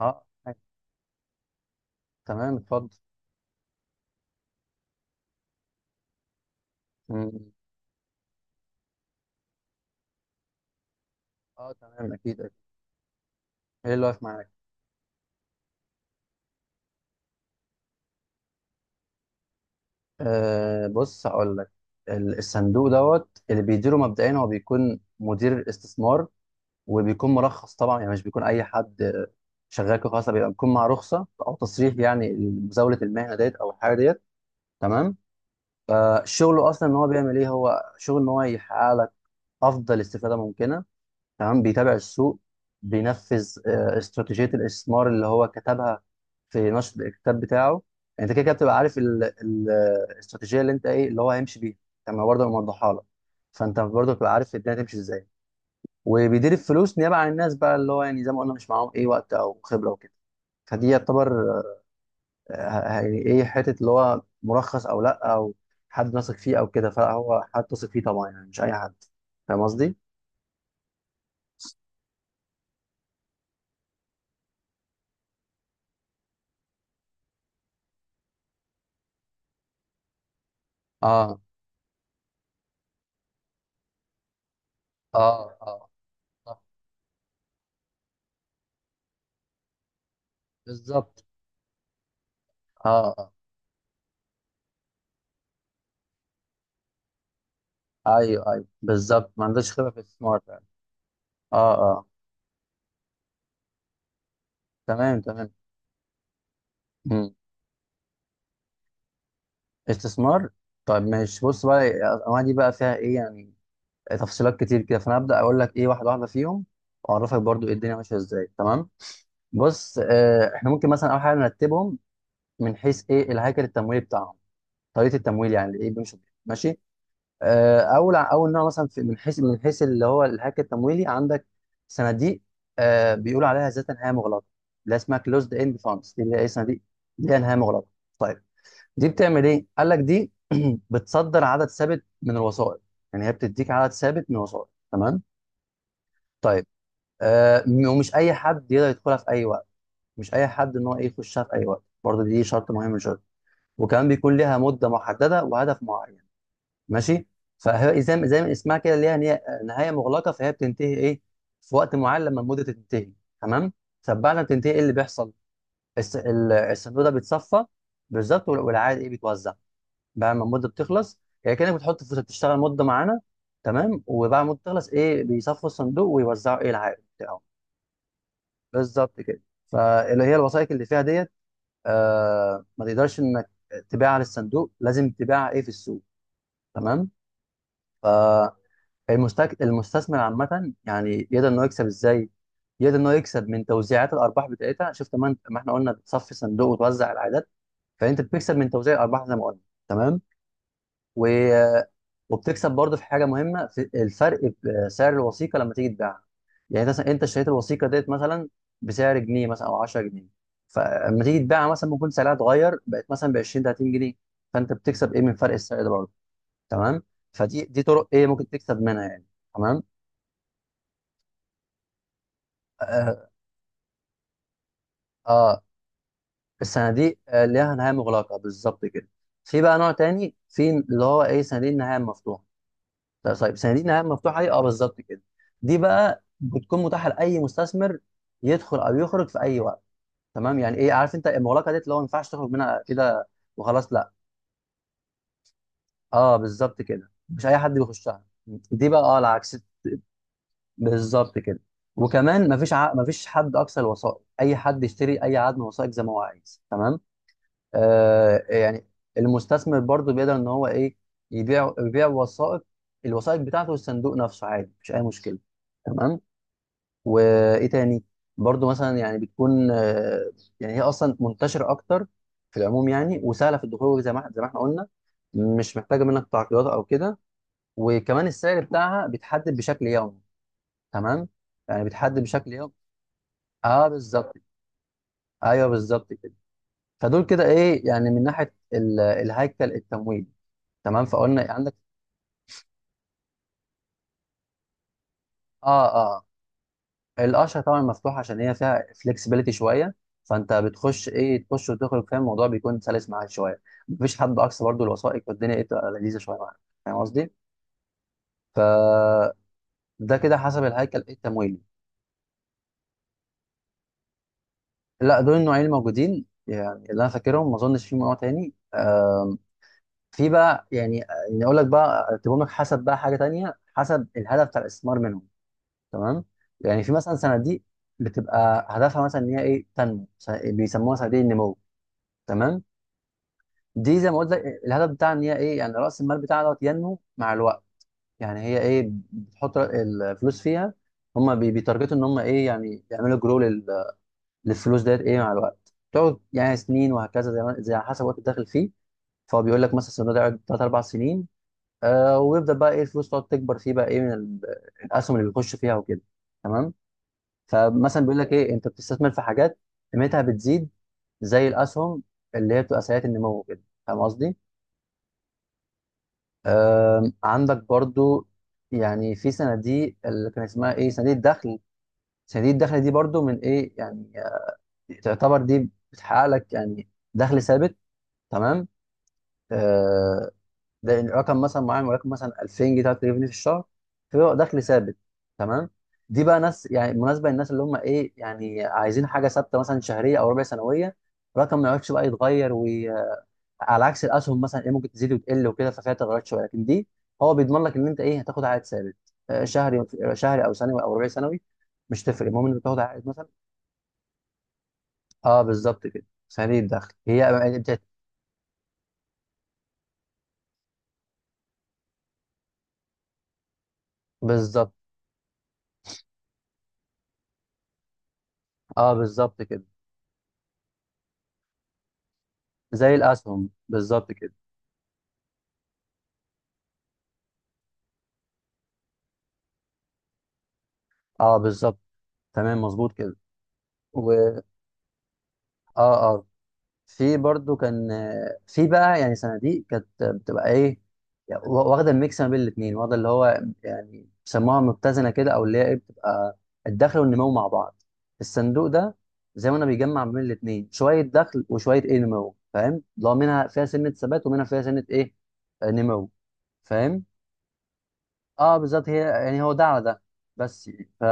اه أيوة. تمام اتفضل. مم. اه تمام، اكيد. ايه اللي واقف معاك؟ بص هقول لك. الصندوق دوت اللي بيديره مبدئيا هو بيكون مدير الاستثمار، وبيكون مرخص طبعا، يعني مش بيكون اي حد. شغال كده خلاص، بيبقى بيكون مع رخصه او تصريح، يعني مزاوله المهنه ديت او الحاجه ديت. تمام. فشغله اصلا ان هو بيعمل ايه، هو شغل ان هو يحقق لك افضل استفاده ممكنه. تمام. بيتابع السوق، بينفذ استراتيجية الاستثمار اللي هو كتبها في نشر الكتاب بتاعه. يعني انت كده كده بتبقى عارف الاستراتيجية اللي انت ايه اللي هو هيمشي بيها. تمام، برضه موضحها لك. فانت برضه بتبقى عارف الدنيا تمشي ازاي. وبيدير الفلوس نيابة عن الناس بقى، اللي هو يعني زي ما قلنا مش معاهم ايه وقت او خبرة وكده. فدي يعتبر يعني ايه حتة اللي هو مرخص او لا، او حد نثق فيه او كده، فلا هو حد تثق فيه طبعا، يعني مش اي حد. فاهم قصدي؟ اه اه. اه صح. بالظبط. اه اه. ايوه ايوه بالظبط، ما عندوش خبره في الاستثمار فعلا. اه اه. تمام تمام. مم. استثمار. طيب ماشي، بص بقى الانواع دي بقى فيها ايه يعني تفصيلات كتير كده. فانا هبدا اقول لك ايه واحده واحده فيهم، واعرفك برضو ايه الدنيا ماشيه ازاي. تمام. بص احنا ممكن مثلا اول حاجه نرتبهم من حيث ايه الهيكل التمويلي بتاعهم، طريقه التمويل، يعني ايه بيمشوا بيها. ماشي. اول نوع مثلا في من حيث اللي هو الهاك التمويلي، عندك صناديق بيقولوا عليها ذات نهايه مغلقه، اللي اسمها كلوزد اند فاندز. دي اللي هي صناديق ليها نهايه مغلقه. طيب، دي بتعمل ايه؟ قال لك دي بتصدر عدد ثابت من الوسائط، يعني هي بتديك عدد ثابت من الوسائط. تمام؟ طيب. ومش اي حد يقدر يدخلها في اي وقت، مش اي حد ان هو ايه يخشها في اي وقت برضه، دي شرط مهم من شرط. وكمان بيكون لها مده محدده وهدف معين. ماشي. فهي زي ما اسمها كده، ليها نهايه مغلقه، فهي بتنتهي ايه في وقت معين لما المده تنتهي. تمام. طب بعد ما بتنتهي ايه اللي بيحصل؟ الصندوق ده بيتصفى. بالظبط. والعائد ايه بيتوزع بعد ما المده بتخلص، يعني كانك بتحط فلوسك تشتغل مده معانا. تمام. وبعد ما تخلص ايه بيصفوا الصندوق ويوزعوا ايه العائد بتاعه. بالظبط كده. فاللي هي الوثائق اللي فيها ديت ما تقدرش انك تبيعها للصندوق، لازم تبيعها ايه في السوق. تمام. المستثمر عامة يعني يقدر إن هو يكسب إزاي؟ يقدر إن هو يكسب من توزيعات الأرباح بتاعتها، شفت، ما إحنا قلنا بتصفي صندوق وتوزع العائدات. فأنت بتكسب من توزيع الأرباح زي ما قلنا. تمام؟ و... وبتكسب برضه في حاجة مهمة، في الفرق في سعر الوثيقة لما تيجي تبيعها. يعني مثلا أنت اشتريت الوثيقة ديت مثلا بسعر جنيه، مثلا أو 10 جنيه، فلما تيجي تبيعها مثلا ممكن سعرها اتغير، بقت مثلا ب 20 30 جنيه، فأنت بتكسب إيه من فرق السعر ده برضه. تمام؟ فدي دي طرق إيه ممكن تكسب منها يعني. تمام؟ آه، اه. الصناديق ليها نهايه مغلقه، بالظبط كده. في بقى نوع تاني، في اللي هو ايه صناديق النهايه المفتوحه. لا، طيب صناديق النهايه المفتوحه دي اه بالظبط كده. دي بقى بتكون متاحه لاي مستثمر يدخل او يخرج في اي وقت. تمام. يعني ايه، عارف انت المغلقه دي اللي هو ما ينفعش تخرج منها كده وخلاص؟ لا. اه بالظبط كده، مش اي حد بيخشها. دي بقى اه العكس، بالظبط كده. وكمان مفيش مفيش حد اقصى الوثائق، اي حد يشتري اي عدد من الوثائق زي ما هو عايز. تمام. يعني المستثمر برضو بيقدر ان هو ايه يبيع، وثائق الوثائق بتاعته والصندوق نفسه عادي، مش اي مشكله. تمام. وايه تاني، برضو مثلا يعني بتكون يعني هي اصلا منتشره اكتر في العموم يعني، وسهله في الدخول زي ما احنا قلنا، مش محتاجه منك تعقيدات او كده. وكمان السعر بتاعها بيتحدد بشكل يومي. تمام. يعني بيتحدد بشكل يومي. اه بالظبط. ايوه بالظبط كده. فدول كده ايه يعني من ناحيه الهيكل التمويل. تمام، فقلنا عندك. اه اه. الاشهر طبعا مفتوح، عشان هي فيها فلكسبيليتي شويه. فانت بتخش ايه، تخش وتخرج، فاهم، الموضوع بيكون سلس معاك شويه. مفيش حد اقصى برضو الوثائق، والدنيا ايه تبقى لذيذه شويه معاك، فاهم قصدي. فده كده حسب الهيكل إيه التمويلي. لا دول النوعين الموجودين يعني، اللي انا فاكرهم، ما اظنش في نوع تاني. في بقى يعني، يعني اقول لك بقى ارتبهم لك حسب بقى حاجه تانيه، حسب الهدف بتاع الاستثمار منهم. تمام. يعني في مثلا صناديق بتبقى هدفها مثلا ان هي ايه تنمو، بيسموها صناديق النمو. تمام. دي زي ما قلت لك الهدف بتاعها ان هي ايه، يعني راس المال بتاعها دوت ينمو مع الوقت. يعني هي ايه بتحط الفلوس فيها، هم بيتارجتوا ان هم ايه يعني يعملوا جرو للفلوس ديت ايه مع الوقت، تقعد يعني سنين وهكذا زي ما على حسب وقت الدخل فيه. فهو بيقول لك مثلا الصندوق ده يقعد 3 4 سنين، ويبدا بقى ايه الفلوس تقعد تكبر فيه بقى ايه من الاسهم اللي بيخش فيها وكده. تمام. فمثلا بيقول لك ايه، انت بتستثمر في حاجات قيمتها بتزيد زي الاسهم، اللي هي بتبقى سريعه النمو كده. فاهم قصدي؟ عندك برضو، يعني في صناديق اللي كان اسمها ايه صناديق الدخل. صناديق الدخل دي برضو من ايه يعني، تعتبر دي بتحقق لك يعني دخل ثابت. تمام. آه، ده رقم مثلا معين، ولكن مثلا 2000 جنيه 3000 جنيه في الشهر، فبيبقى دخل ثابت. تمام. دي بقى ناس يعني مناسبه للناس اللي هم ايه يعني عايزين حاجه ثابته، مثلا شهريه او ربع سنويه، رقم ما يقعدش بقى يتغير. وعلى عكس الاسهم مثلا ايه ممكن تزيد وتقل وكده، ففيها تغيرات شويه. لكن دي هو بيضمن لك ان انت ايه هتاخد عائد ثابت. آه، شهري شهري او سنوي او ربع سنوي، مش تفرق، المهم انك تاخد عائد مثلا. اه بالظبط كده، سريع الدخل هي بالظبط. اه بالظبط كده. زي الاسهم بالظبط كده. اه بالظبط. تمام مظبوط كده. و اه اه. في برضو كان في بقى يعني صناديق كانت بتبقى ايه، يعني واخده الميكس ما بين الاثنين، واخده اللي هو يعني بيسموها متزنه كده، او اللي هي ايه بتبقى الدخل والنمو مع بعض. الصندوق ده زي ما انا بيجمع ما بين الاثنين، شويه دخل وشويه ايه نمو، فاهم، اللي هو منها فيها سنه ثبات ومنها فيها سنه ايه نمو. فاهم. اه بالظبط، هي يعني هو ده على ده بس يعني. ف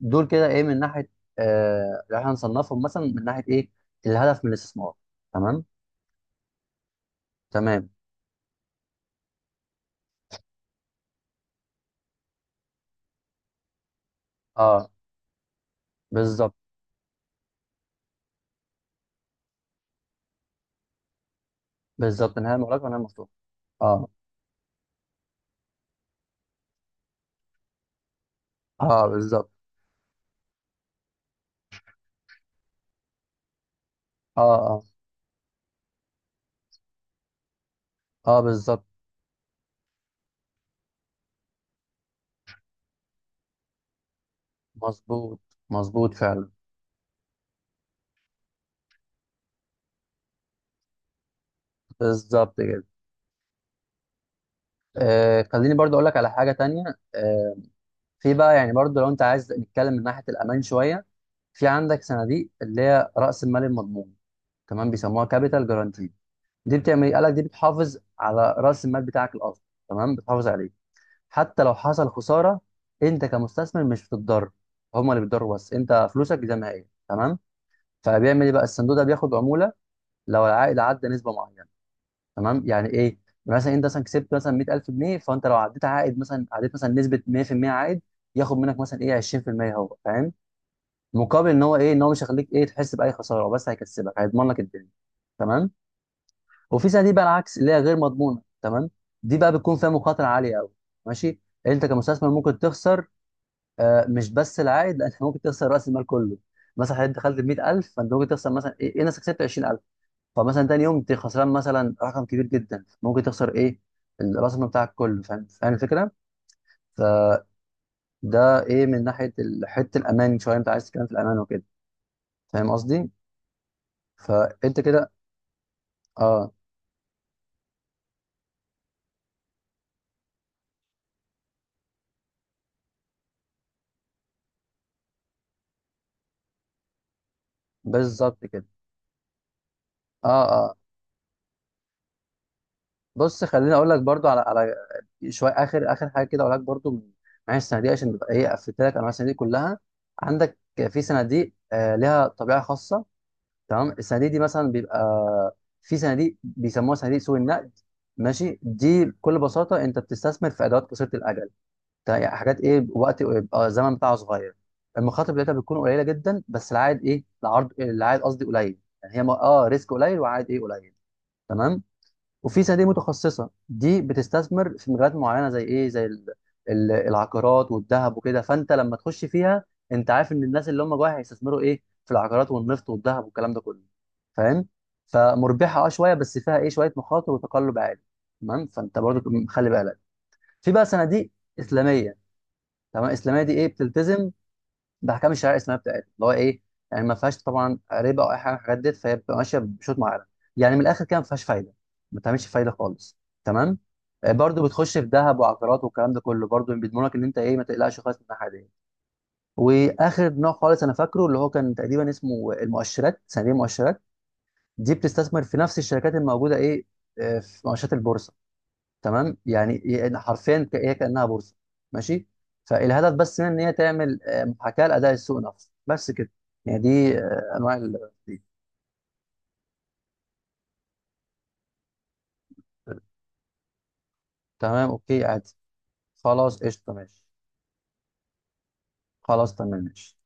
دول كده ايه من ناحيه لو احنا هنصنفهم مثلا من ناحيه ايه الهدف من الاستثمار. تمام. تمام. اه بالظبط. بالظبط نهايه مغلقه ونهايه مفتوحه. اه. اه بالظبط. اه. اه. اه بالظبط. مظبوط، مظبوط فعلا. بالظبط كده. خليني برضو اقول لك على حاجه تانية. آه في بقى يعني برضو لو انت عايز نتكلم من ناحيه الامان شويه، في عندك صناديق اللي هي راس المال المضمون. تمام، بيسموها كابيتال جارانتي. دي بتعمل ايه؟ قال لك دي بتحافظ على راس المال بتاعك الاصلي. تمام، بتحافظ عليه حتى لو حصل خساره، انت كمستثمر مش بتتضرر، هما اللي بيتضروا، بس انت فلوسك دي زي تمام. فبيعمل ايه بقى الصندوق ده، بياخد عموله لو العائد عدى نسبه معينه. تمام. يعني ايه، مثلا انت مثلا كسبت مثلا 100000 جنيه، فانت لو عديت عائد مثلا، عديت مثلا نسبه 100% عائد، ياخد منك مثلا ايه 20%، هو فاهم، مقابل ان هو ايه ان هو مش هيخليك ايه تحس باي خساره، هو بس هيكسبك هيضمن لك الدنيا. تمام. وفي صناديق بقى العكس اللي هي غير مضمونه. تمام. دي بقى بتكون فيها مخاطره عاليه قوي. ماشي. انت كمستثمر ممكن تخسر مش بس العائد، لان ممكن تخسر راس المال كله. مثلا حضرتك دخلت ب 100000، فانت ممكن تخسر مثلا ايه، إيه نفسك كسبت 20000، فمثلا تاني يوم انت خسران مثلا رقم كبير جدا، ممكن تخسر ايه راس المال بتاعك كله، فاهم، الفكره. فده ايه من ناحيه حته الامان شويه انت عايز تتكلم في الامان وكده، فاهم قصدي. فانت كده. اه بالظبط كده. اه آه، بص خليني اقول لك برضو على شويه اخر حاجه كده، اقول لك برضو من معايا الصناديق، عشان تبقى ايه قفلت لك انواع الصناديق كلها. عندك في صناديق لها طبيعه خاصه. تمام، الصناديق دي مثلا بيبقى في صناديق بيسموها صناديق سوق النقد. ماشي، دي بكل بساطه انت بتستثمر في ادوات قصيره الاجل، يعني حاجات ايه وقت بيبقى الزمن بتاعها صغير. المخاطر بتاعتها بتكون قليله جدا، بس العائد ايه، العائد قصدي قليل، يعني هي ريسك قليل وعائد ايه قليل. تمام. وفي صناديق متخصصه، دي بتستثمر في مجالات معينه، زي ايه، زي العقارات والذهب وكده. فانت لما تخش فيها، انت عارف ان الناس اللي هم جواها هيستثمروا ايه في العقارات والنفط والذهب والكلام ده كله، فاهم. فمربحه اه شويه، بس فيها ايه شويه مخاطر وتقلب عالي. تمام، فانت برضو خلي بالك. في بقى صناديق اسلاميه. تمام، الاسلاميه دي ايه بتلتزم ده احكام الشرع، اسمها بتاعت اللي هو ايه، يعني ما فيهاش طبعا ربا او اي حاجه من الحاجات ديت، فهي بتبقى ماشيه بشوط معين. يعني من الاخر كده ما فيهاش فايده، ما بتعملش فايده خالص. تمام. برضو بتخش في ذهب وعقارات والكلام ده كله، برضو بيضمنوا لك ان انت ايه ما تقلقش خالص من الناحيه دي. واخر نوع خالص انا فاكره اللي هو كان تقريبا اسمه المؤشرات، صناديق المؤشرات. دي بتستثمر في نفس الشركات الموجوده ايه في مؤشرات البورصه. تمام، يعني حرفيا هي كانها بورصه. ماشي. فالهدف بس من ان هي تعمل محاكاه لاداء السوق نفسه بس كده. يعني دي دي. تمام اوكي عادي. خلاص قشطه ماشي. خلاص تمام ماشي.